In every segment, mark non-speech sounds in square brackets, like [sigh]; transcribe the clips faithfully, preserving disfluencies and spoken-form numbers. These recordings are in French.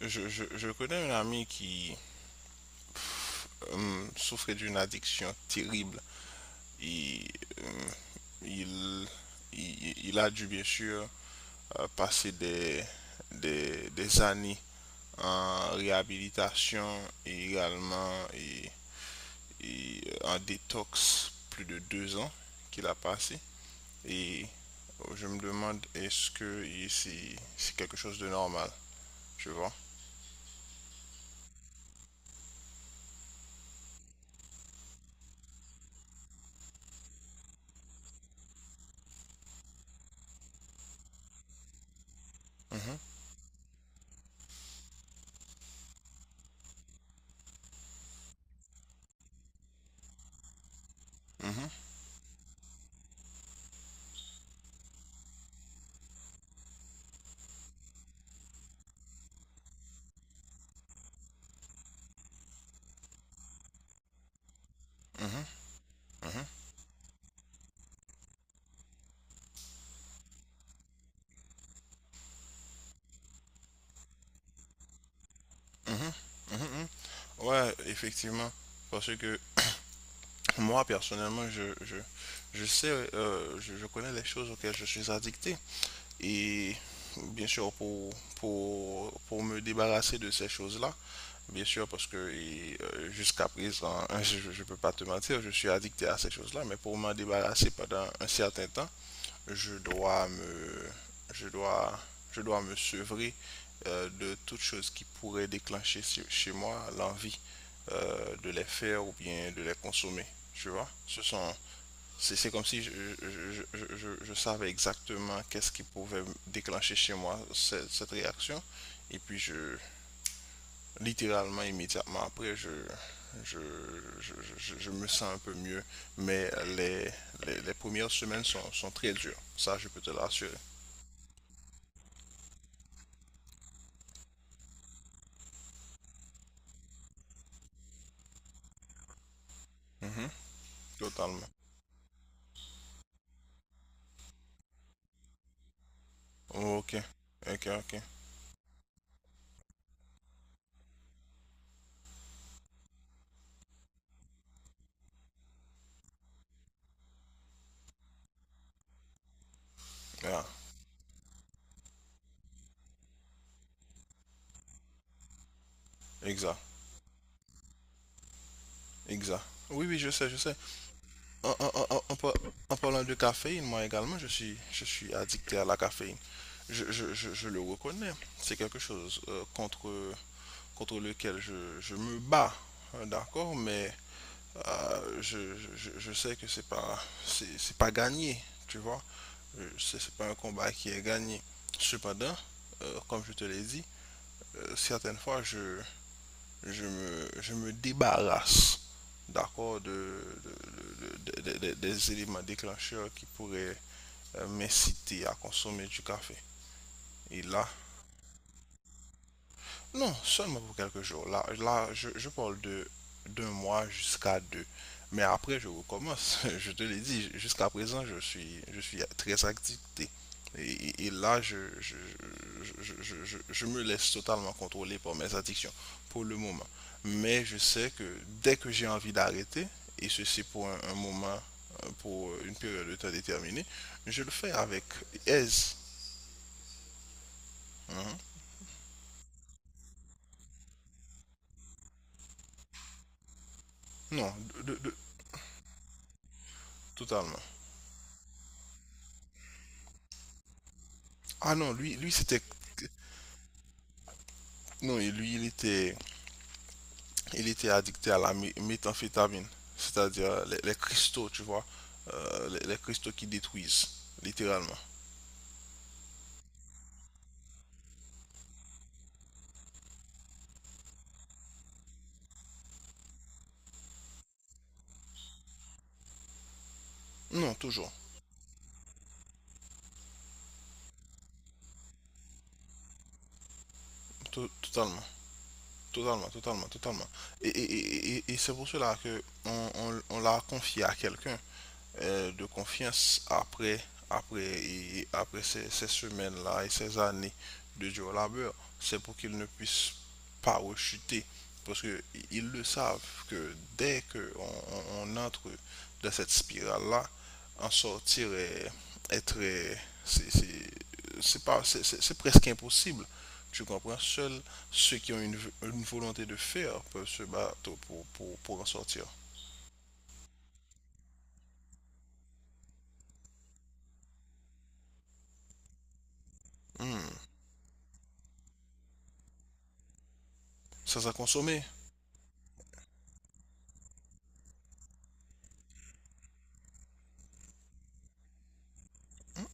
Je, je, je connais un ami qui euh, souffrait d'une addiction terrible. Et, euh, il, il, il a dû bien sûr euh, passer des, des, des années en réhabilitation et également et, et euh, en détox, plus de deux ans qu'il a passé. Et euh, je me demande est-ce que c'est c'est quelque chose de normal, tu vois? Mhm, mhm, mhm, mhm. Mhm, mhm, mhm. Ouais, effectivement. Parce que moi, personnellement, je, je, je sais, euh, je, je connais les choses auxquelles je suis addicté. Et bien sûr, pour, pour, pour me débarrasser de ces choses-là, bien sûr, parce que et, euh, jusqu'à présent, [laughs] je ne peux pas te mentir, je suis addicté à ces choses-là, mais pour m'en débarrasser pendant un certain temps, je dois me, je dois, je dois me sevrer euh, de toute chose qui pourrait déclencher chez moi l'envie euh, de les faire ou bien de les consommer. Tu vois? Ce sont, c'est comme si je, je, je, je, je- je savais exactement qu'est-ce qui pouvait déclencher chez moi cette, cette réaction. Et puis je, littéralement, immédiatement après, je, je, je, je, je me sens un peu mieux. Mais les, les, les premières semaines sont, sont très dures. Ça, je peux te l'assurer. Mhm, totalement. Ok, ok, ok. Ah, exact, exact. Oui, oui, je sais, je sais. En, en- en- en- en par- en parlant de caféine, moi également, je suis, je suis addicté à la caféine. Je, je- je- je le reconnais. C'est quelque chose euh, contre, contre lequel je, je me bats, hein, d'accord, mais euh, je, je, je sais que c'est pas, c'est c'est pas gagné, tu vois. Euh, C'est c'est pas un combat qui est gagné. Cependant, euh, comme je te l'ai dit, euh, certaines fois, je, je me, je me débarrasse d'accord de, de- de- de- de- des éléments déclencheurs qui pourraient euh, m'inciter à consommer du café. Et là, non, seulement pour quelques jours. Là, là, je, je parle de d'un mois jusqu'à deux. Mais après, je recommence. [laughs] Je te l'ai dit, jusqu'à présent, je suis, je suis très activité. Et, et là, je, je, je, je, je- je me laisse totalement contrôler par mes addictions pour le moment. Mais je sais que dès que j'ai envie d'arrêter, et ceci pour un, un moment, euh, pour une période de temps déterminée, je le fais avec aise. Mhm. Non, de, de- de- totalement. Ah non, lui, lui c'était... Non, et lui, il était, il était addicté à la mé- méthamphétamine, c'est-à-dire les, les cristaux, tu vois, euh, les, les cristaux qui détruisent, littéralement. Non, toujours, to- totalement, totalement, totalement, totalement. Et, et- et- et- et c'est pour cela que on, on- on l'a confié à quelqu'un euh, de confiance, après, après, et après ces, ces semaines-là et ces années de dur labeur. C'est pour qu'ils ne puissent pas rechuter. Parce qu'ils le savent que dès qu'on on, entre dans cette spirale-là, en sortir est, est très. C'est- c'est- c'est pas- c'est- c'est- presque impossible. Tu comprends? Seuls ceux qui ont une, une volonté de faire peuvent se battre pour, pour, pour en sortir. Hmm. Sans à consommer.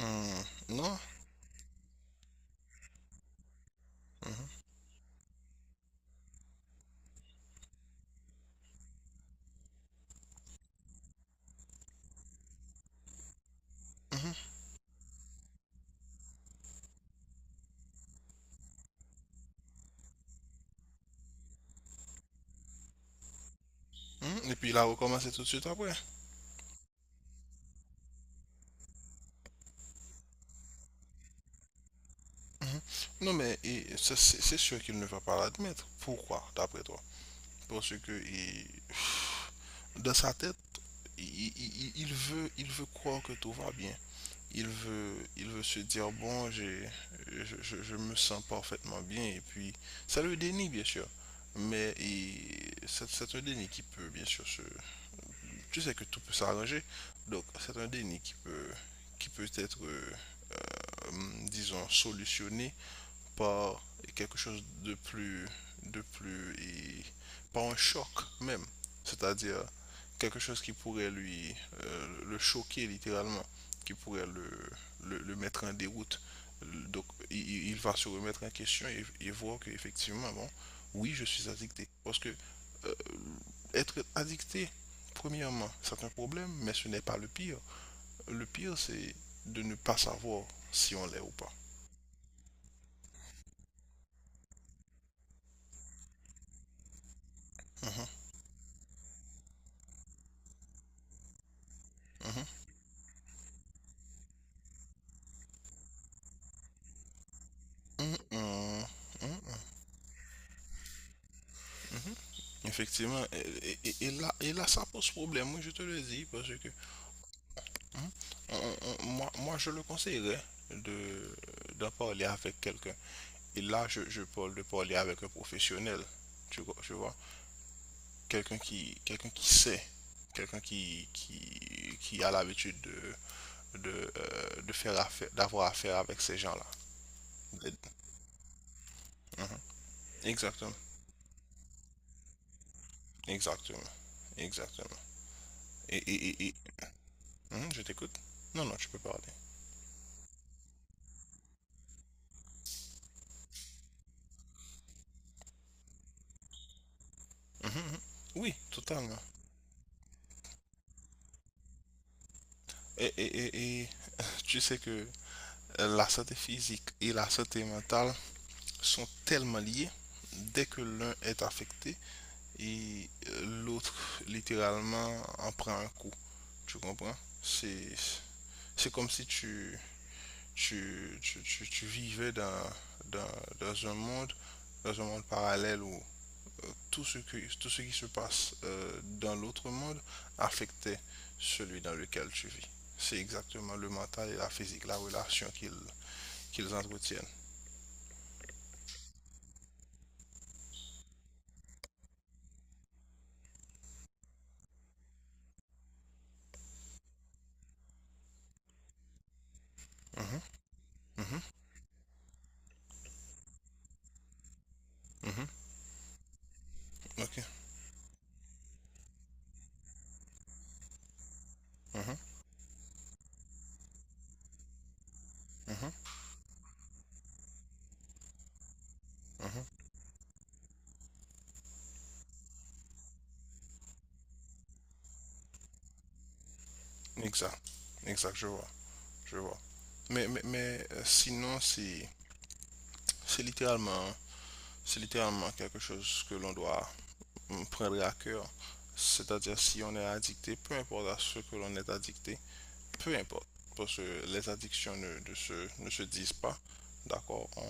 Hmm, non. Mhm, mhm, mhm. Et puis il a recommencé tout de suite après. Mhm. Non, mais il- c'est c'est- c'est sûr qu'il ne va pas l'admettre. Pourquoi, d'après toi? Parce que il- dans sa tête, il, il- il- il veut, il veut croire que tout va bien. Il veut, il veut se dire, bon, j'ai, je, je- je me sens parfaitement bien. Et puis, ça le dénie, bien sûr. Mais il- c'est c'est un déni qui peut, bien sûr, se... Tu sais que tout peut s'arranger. Donc, c'est un déni qui peut, qui peut être... euh, euh, disons, solutionné par quelque chose de plus, de plus, et par un choc même. C'est-à-dire quelque chose qui pourrait lui, euh, le choquer littéralement, qui pourrait le, le, le mettre en déroute. Donc, il, il va se remettre en question et, et voir qu'effectivement, bon, oui, je suis addicté. Parce que euh, être addicté, premièrement, c'est un problème, mais ce n'est pas le pire. Le pire, c'est de ne pas savoir si on l'est ou pas. Mhm. Mhm, mhm, mhm, mhm. Mhm. Effectivement, et, et- et là, et là, ça pose problème, moi je te le dis, parce que mhm, on- on- moi, moi je le conseillerais de, d'en parler avec quelqu'un. Et là, je, je parle de parler avec un professionnel, tu, vois, tu vois. Quelqu'un qui, quelqu'un qui sait, quelqu'un qui, qui, qui a l'habitude de, de, euh, de faire affaire, d'avoir affaire avec ces gens-là. Mhm. Exactement, exactement, exactement. Et, mhm, je t'écoute. Non, non, tu peux parler. Mhm, mhm. Oui, totalement. Et, et, et, et [laughs] tu sais que euh, la santé physique et la santé mentale sont tellement liées. Dès que l'un est affecté, et euh, l'autre, littéralement, en prend un coup. Tu comprends? C'est, c'est comme si tu, tu, tu, tu, tu vivais dans, dans, dans un monde, dans un monde parallèle où tout ce, que, tout ce qui se passe euh, dans l'autre monde affectait celui dans lequel tu vis. C'est exactement le mental et la physique, la relation qu'ils qu'ils entretiennent. Mhm, mhm, mhm, ok. Mhm, mhm, mhm. Exact. Exact, je vois. Je vois. Mais, mais, mais, euh, sinon, c'est c'est littéralement, c'est littéralement quelque chose que l'on doit mm, prendre à cœur. C'est-à-dire, si on est addicté, peu importe à ce que l'on est addicté, peu importe, parce que les addictions ne, de se, ne se disent pas. D'accord, on,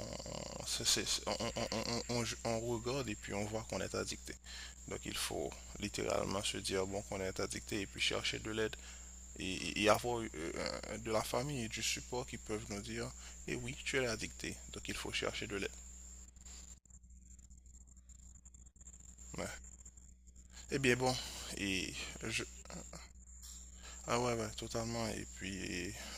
on, on- on- on- regarde et puis on voit qu'on est addicté. Donc il faut littéralement se dire bon qu'on est addicté et puis chercher de l'aide et, et avoir euh, euh, de la famille et du support qui peuvent nous dire eh oui tu es addicté donc il faut chercher de l'aide. Ouais. Eh bien bon et je ah ouais, ouais totalement et puis et,